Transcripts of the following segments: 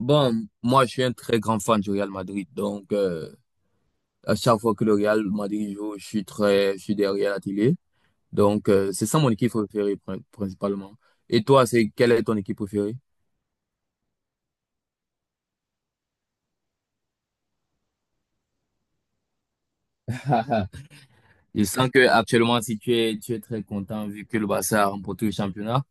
Bon, moi, je suis un très grand fan du Real Madrid. Donc, à chaque fois que le Real Madrid joue, je suis derrière la télé. Donc, c'est ça mon équipe préférée, principalement. Et toi, quelle est ton équipe préférée? Je sens que actuellement, si tu es, tu es très content vu que le Barça a remporté le championnat.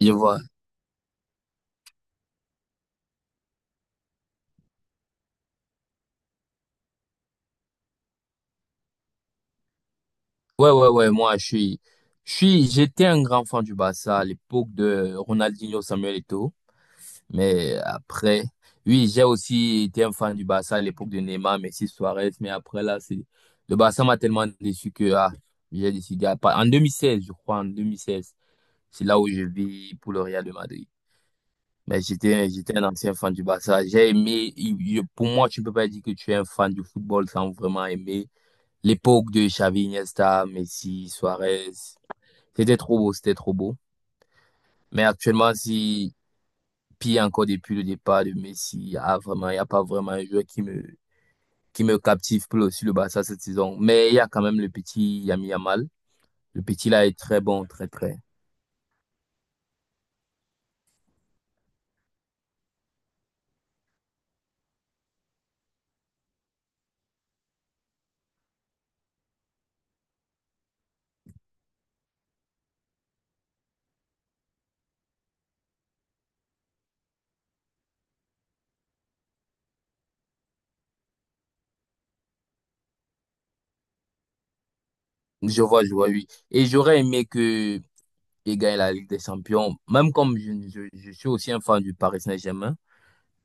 Je vois. Ouais, ouais, ouais. Je suis, j'étais un grand fan du Barça à l'époque de Ronaldinho, Samuel Eto'o. Mais après, oui, j'ai aussi été un fan du Barça à l'époque de Neymar, Messi, Suarez. Mais après, là, c'est le Barça m'a tellement déçu que ah, j'ai décidé à pas. En 2016, je crois, en 2016, c'est là où je vis pour le Real de Madrid. Mais j'étais un ancien fan du Barça. J'ai aimé, pour moi, tu peux pas dire que tu es un fan du football sans vraiment aimer l'époque de Xavi, Iniesta, Messi, Suarez. C'était trop beau, c'était trop beau. Mais actuellement, si Puis il y a encore depuis le départ de Messi, ah, vraiment, il n'y a pas vraiment un joueur qui me captive sur le Barça cette saison. Mais il y a quand même le petit Yami Yamal. Le petit là est très bon, très très. Je vois, oui. Et j'aurais aimé que il gagne la Ligue des Champions, même comme je suis aussi un fan du Paris Saint-Germain.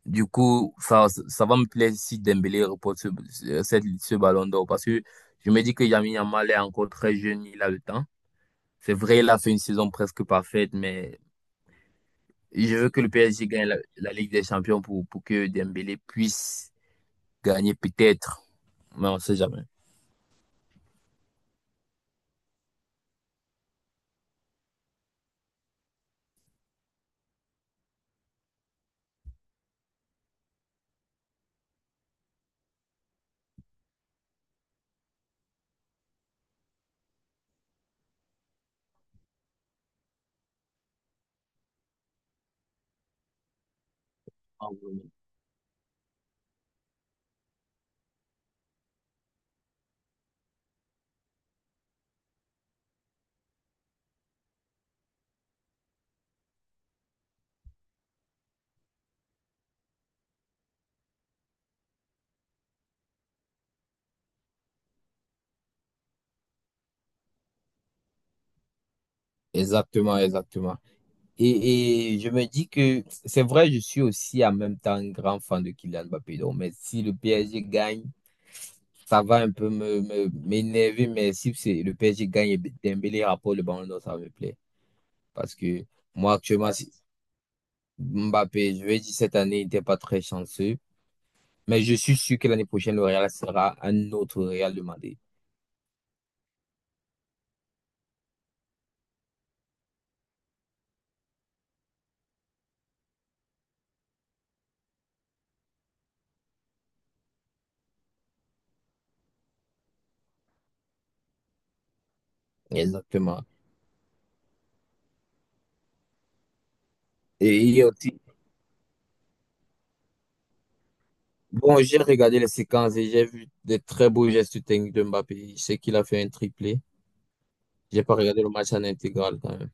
Du coup, ça va me plaire si Dembélé remporte ce ballon d'or parce que je me dis que Yami Yamal est encore très jeune, il a le temps. C'est vrai, il a fait une saison presque parfaite, mais je veux que le PSG gagne la Ligue des Champions pour que Dembélé puisse gagner peut-être, mais on ne sait jamais. Ah oui. Exactement, exactement. Et je me dis que c'est vrai, je suis aussi en même temps un grand fan de Kylian Mbappé. Donc, mais si le PSG gagne, ça va un peu m'énerver, mais si c'est le PSG gagne et Dembélé rapporte le ballon d'or, ça me plaît. Parce que moi, actuellement, si- Mbappé, je vais dire cette année, il n'était pas très chanceux. Mais je suis sûr que l'année prochaine, le Real sera un autre Real demandé. Exactement. Et il y a aussi, bon, j'ai regardé les séquences et j'ai vu des très beaux gestes techniques de Mbappé. Je sais qu'il a fait un triplé. J'ai pas regardé le match en intégral quand même.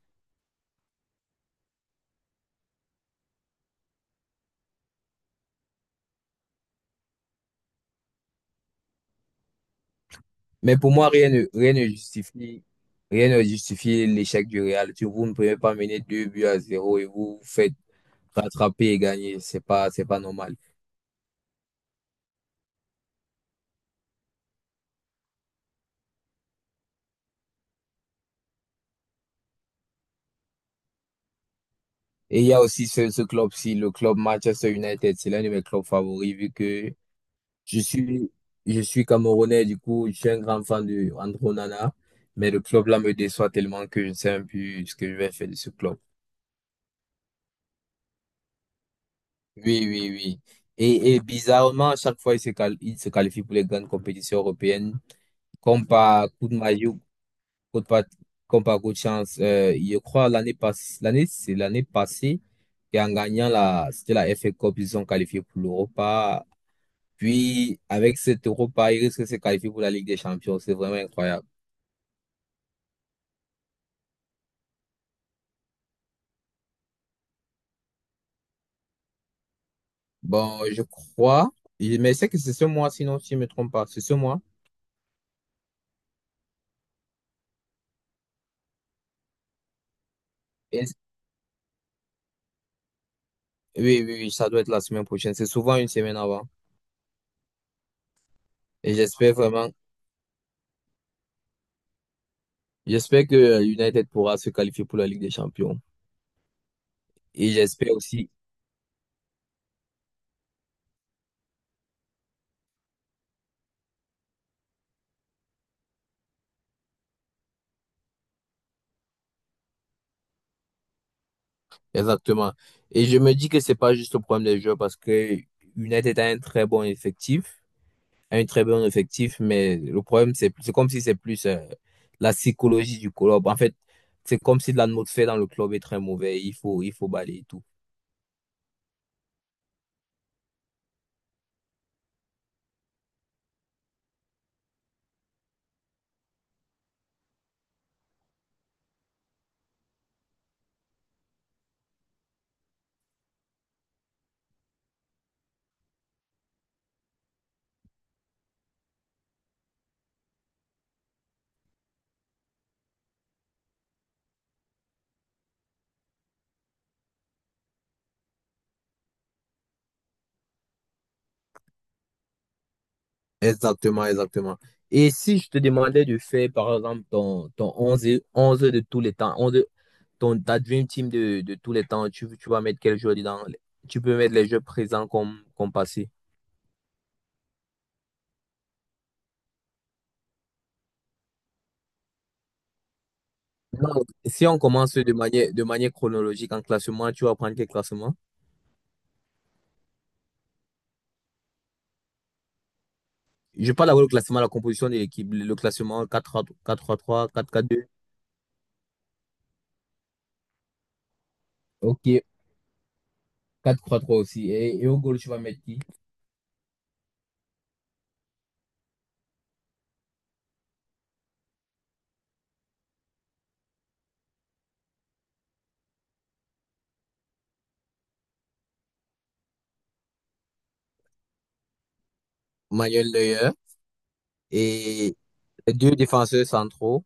Mais pour moi, rien ne justifie, rien ne justifie l'échec du Real. Vous ne pouvez pas mener deux buts à zéro et vous vous faites rattraper et gagner. C'est pas normal. Et il y a aussi ce club-ci, le club Manchester United. C'est l'un de mes clubs favoris vu que Je suis, je suis Camerounais, du coup, je suis un grand fan de Andro Nana, mais le club là me déçoit tellement que je ne sais même plus ce que je vais faire de ce club. Oui, oui, oui. Et bizarrement, à chaque fois, il se qualifie pour les grandes compétitions européennes. Comme par coup de magie, ou coup de pat- comme par coup de chance, je crois l'année passée, c'est l'année passée, et en gagnant la, c'était la FA Cup, ils sont qualifiés pour l'Europa. Puis, avec cette Europa, ils risquent de se qualifier pour la Ligue des Champions. C'est vraiment incroyable. Bon, je crois, mais c'est que c'est ce mois, sinon, si je ne me trompe pas, c'est ce mois. Et- oui, oui, oui, ça doit être la semaine prochaine. C'est souvent une semaine avant. Et j'espère vraiment, j'espère que United pourra se qualifier pour la Ligue des Champions. Et j'espère aussi, exactement. Et je me dis que c'est pas juste le problème des joueurs parce que United a un très bon effectif, a un très bon effectif, mais le problème, c'est comme si c'est plus la psychologie du club. En fait, c'est comme si l'atmosphère dans le club est très mauvaise. Il faut balayer tout. Exactement, exactement. Et si je te demandais de faire, par exemple, ton 11, 11 de tous les temps, 11 ta dream team de tous les temps, tu vas mettre quel joueur dedans? Tu peux mettre les jeux présents comme, comme passés. Non, si on commence de manière chronologique en classement, tu vas prendre quel classement? Je parle d'abord le classement, la composition de l'équipe, le classement quatre trois trois quatre quatre deux. Ok, quatre trois trois aussi. Et au goal, tu vas mettre qui? Manuel Neuer et les deux défenseurs centraux.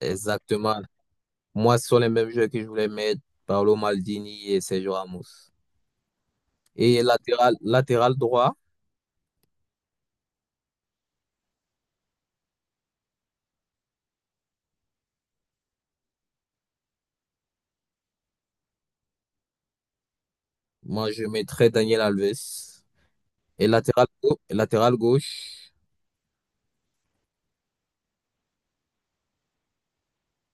Exactement. Moi, ce sont les mêmes jeux que je voulais mettre, Paolo Maldini et Sergio Ramos. Et latéral droit, moi, je mettrais Daniel Alves. Et latéral gauche,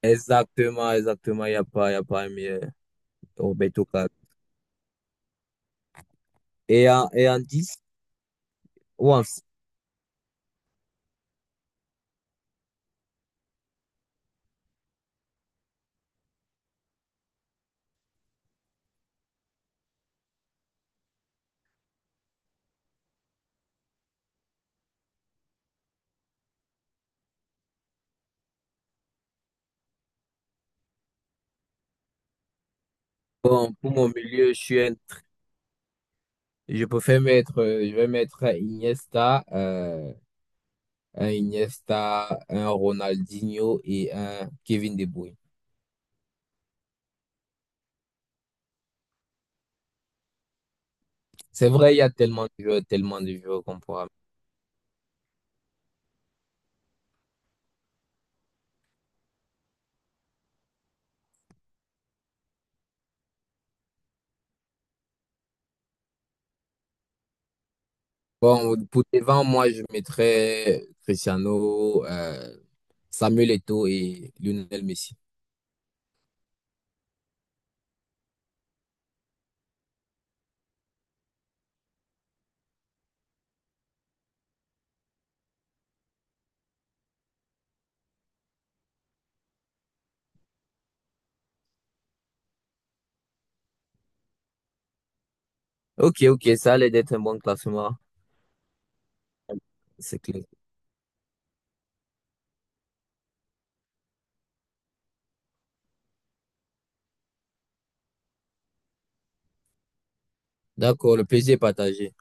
exactement, exactement, il n'y a pas, y a pas un meilleur, Roberto Carlos. Et en 10 ou en- bon, pour mon milieu, je suis un- je préfère mettre, je vais mettre un Iniesta, un Iniesta, un Ronaldinho et un Kevin De Bruyne. C'est vrai, il y a tellement de joueurs qu'on pourra. Bon, pour devant, moi, je mettrais Cristiano, Samuel Eto'o et Lionel Messi. Ok, ok, ça allait d'être un bon classement, c'est clair. D'accord, le plaisir est partagé.